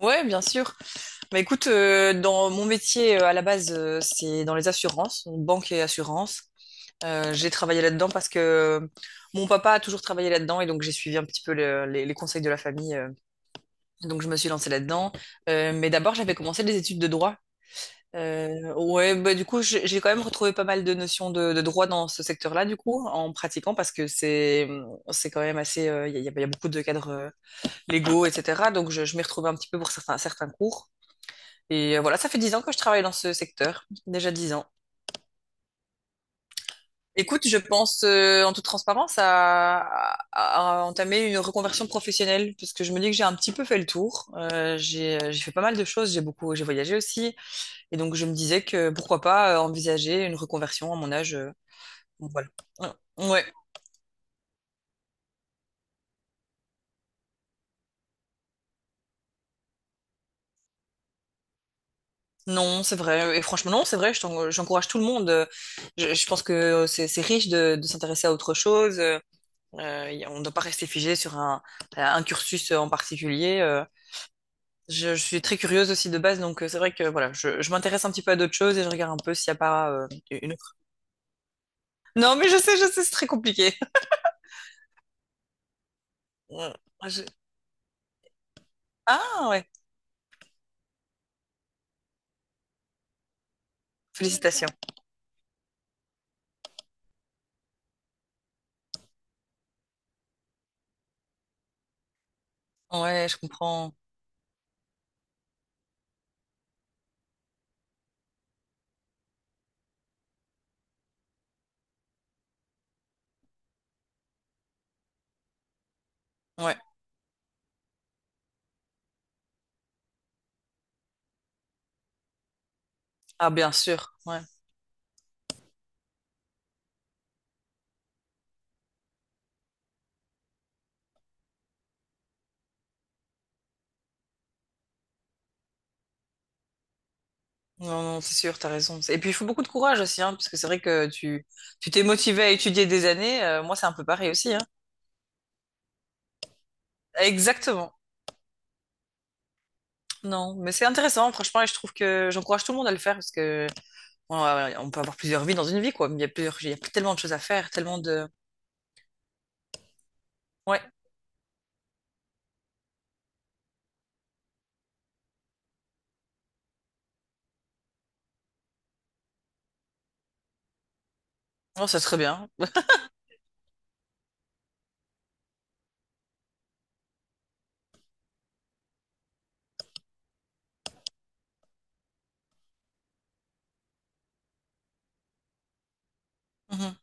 Ouais, bien sûr. Bah écoute, dans mon métier à la base, c'est dans les assurances, donc banque et assurance. J'ai travaillé là-dedans parce que mon papa a toujours travaillé là-dedans et donc j'ai suivi un petit peu les conseils de la famille. Donc je me suis lancée là-dedans. Mais d'abord, j'avais commencé des études de droit. Ouais, bah du coup, j'ai quand même retrouvé pas mal de notions de droit dans ce secteur-là, du coup, en pratiquant parce que c'est quand même assez, il y, a, y a beaucoup de cadres légaux, etc. Donc je m'y retrouvais un petit peu pour certains cours. Et voilà, ça fait 10 ans que je travaille dans ce secteur, déjà 10 ans. Écoute, je pense en toute transparence à, à entamer une reconversion professionnelle parce que je me dis que j'ai un petit peu fait le tour. J'ai j'ai fait pas mal de choses, j'ai beaucoup, j'ai voyagé aussi, et donc je me disais que pourquoi pas envisager une reconversion à mon âge. Donc voilà. Ouais. Ouais. Non, c'est vrai. Et franchement, non, c'est vrai. J'encourage tout le monde. Je pense que c'est riche de s'intéresser à autre chose. On ne doit pas rester figé sur un cursus en particulier. Je suis très curieuse aussi de base, donc c'est vrai que voilà, je m'intéresse un petit peu à d'autres choses et je regarde un peu s'il n'y a pas une autre. Non, mais je sais, c'est très compliqué. Ouais. Je- Ah ouais, félicitations. Ouais, je comprends. Ouais. Ah bien sûr. Ouais. Non, non, c'est sûr, t'as raison. Et puis il faut beaucoup de courage aussi, hein, parce que c'est vrai que tu tu t'es motivé à étudier des années. Moi, c'est un peu pareil aussi, hein. Exactement. Non, mais c'est intéressant, franchement, et je trouve que j'encourage tout le monde à le faire parce que Ouais, ouais, ouais, on peut avoir plusieurs vies dans une vie, quoi. Mais il y a plusieurs, il y a tellement de choses à faire, tellement de. Ouais, non, ça serait bien. Mhm.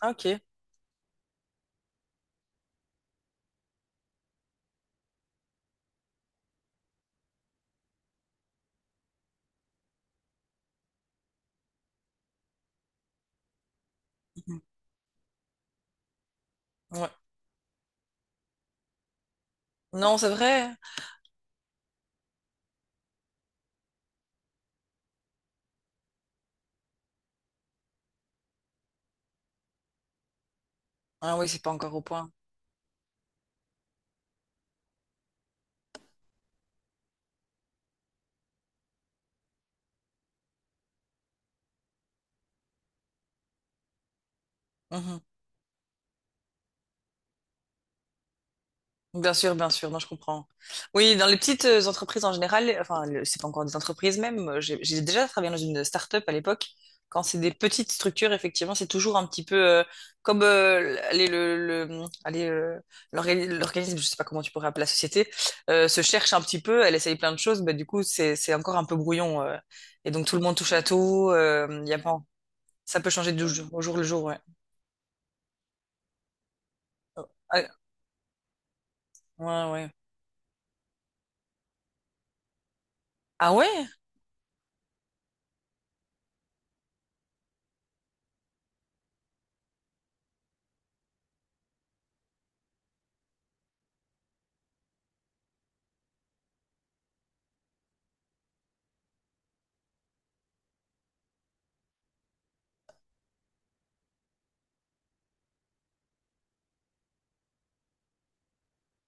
Ah, ok. Mhm. Ouais. Non, c'est vrai. Ah oui, c'est pas encore au point. Mhm. Bien sûr, non, je comprends. Oui, dans les petites entreprises en général, enfin, c'est pas encore des entreprises même, j'ai déjà travaillé dans une start-up à l'époque. Quand c'est des petites structures, effectivement, c'est toujours un petit peu comme allez, le, allez, l'organisme, je sais pas comment tu pourrais appeler la société, se cherche un petit peu, elle essaye plein de choses, mais du coup, c'est encore un peu brouillon. Et donc, tout le monde touche à tout, y a pas, ça peut changer du jour au jour le jour, ouais. Ah, ouais, ouais. Ah ouais?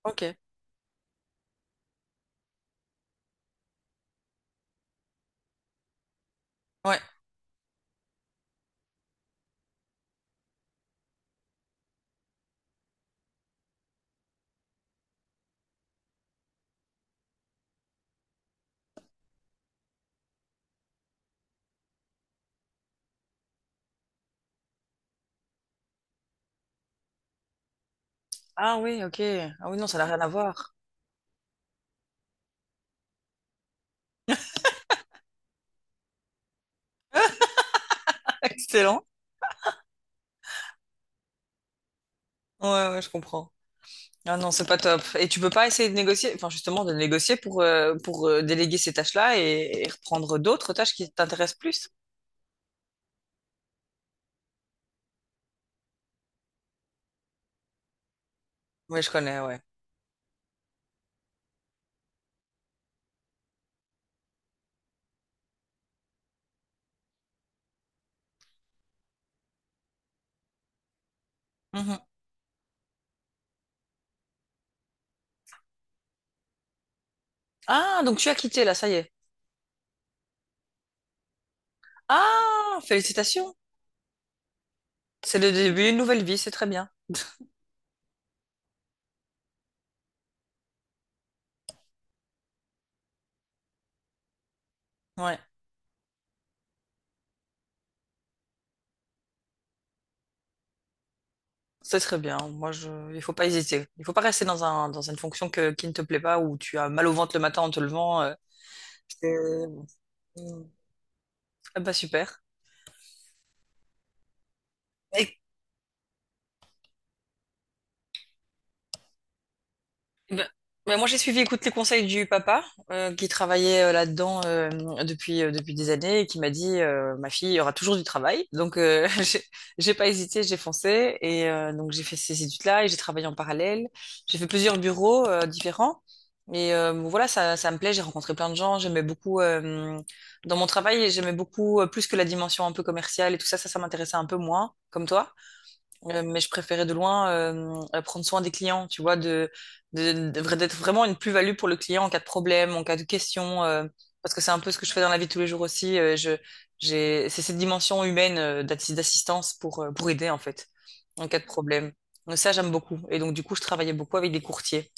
Ok. Ouais. Ah oui, ok. Ah oui, non, ça n'a rien à voir. Excellent. Ouais, ouais, je comprends. Ah non, c'est pas top. Et tu peux pas essayer de négocier, enfin justement de négocier pour déléguer ces tâches-là et reprendre d'autres tâches qui t'intéressent plus. Oui, je connais, ouais. Mhm. Ah, donc tu as quitté là, ça y est. Ah, félicitations. C'est le début d'une nouvelle vie, c'est très bien. Ouais, c'est très bien. Moi, je... il faut pas hésiter. Il faut pas rester dans un, dans une fonction que, qui ne te plaît pas, où tu as mal au ventre le matin en te levant. C'est- Mm. Ah bah super. Ben- Ben moi, j'ai suivi, écoute, les conseils du papa qui travaillait là-dedans depuis, depuis des années et qui m'a dit, ma fille, il y aura toujours du travail. Donc, j'ai pas hésité, j'ai foncé. Et donc, j'ai fait ces études-là et j'ai travaillé en parallèle. J'ai fait plusieurs bureaux différents. Et bon, voilà, ça me plaît. J'ai rencontré plein de gens. J'aimais beaucoup, dans mon travail, j'aimais beaucoup plus que la dimension un peu commerciale et tout ça. Ça m'intéressait un peu moins, comme toi. Mais je préférais de loin prendre soin des clients, tu vois, de, d'être vraiment une plus-value pour le client en cas de problème, en cas de question, parce que c'est un peu ce que je fais dans la vie de tous les jours aussi. Je, j'ai, c'est cette dimension humaine d'assistance pour aider, en fait, en cas de problème. Donc ça, j'aime beaucoup. Et donc, du coup, je travaillais beaucoup avec des courtiers.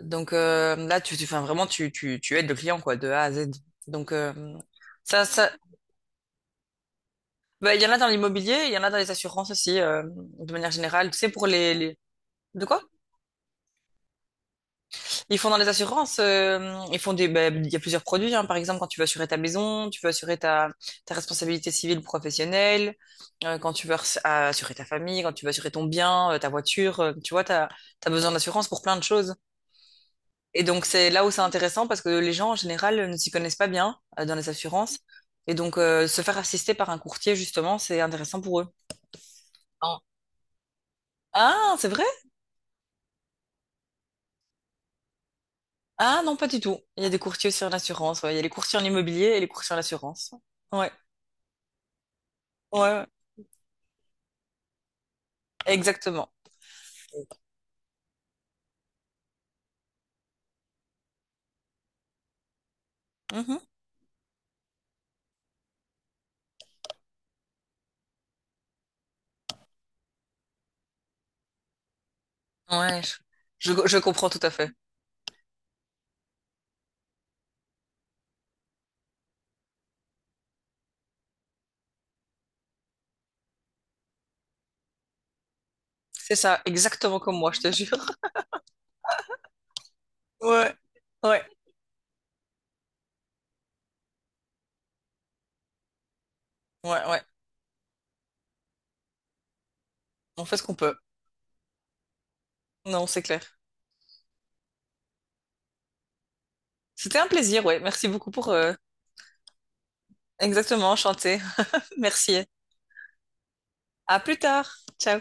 Donc là, tu, enfin, vraiment, tu aides le client, quoi, de A à Z. Donc ça, ça, bah, il y en a dans l'immobilier, il y en a dans les assurances aussi, de manière générale. Tu sais, pour les... De quoi? Ils font dans les assurances, ils font des, ben, il y a plusieurs produits, hein. Par exemple, quand tu veux assurer ta maison, tu veux assurer ta, ta responsabilité civile professionnelle, quand tu veux assurer ta famille, quand tu veux assurer ton bien, ta voiture, tu vois, t'as, t'as besoin d'assurance pour plein de choses. Et donc, c'est là où c'est intéressant parce que les gens, en général, ne s'y connaissent pas bien, dans les assurances. Et donc, se faire assister par un courtier, justement, c'est intéressant pour eux. Non. Ah, c'est vrai? Ah, non, pas du tout. Il y a des courtiers aussi en assurance, ouais. Il y a les courtiers en immobilier et les courtiers en assurance. Ouais. Ouais, ouais. Exactement. Mhm. Ouais, je comprends tout à fait. C'est ça, exactement comme moi, je te jure. Ouais, ouais, ouais, ouais. On fait ce qu'on peut. Non, c'est clair. C'était un plaisir, ouais. Merci beaucoup pour exactement chanter. Merci. À plus tard. Ciao.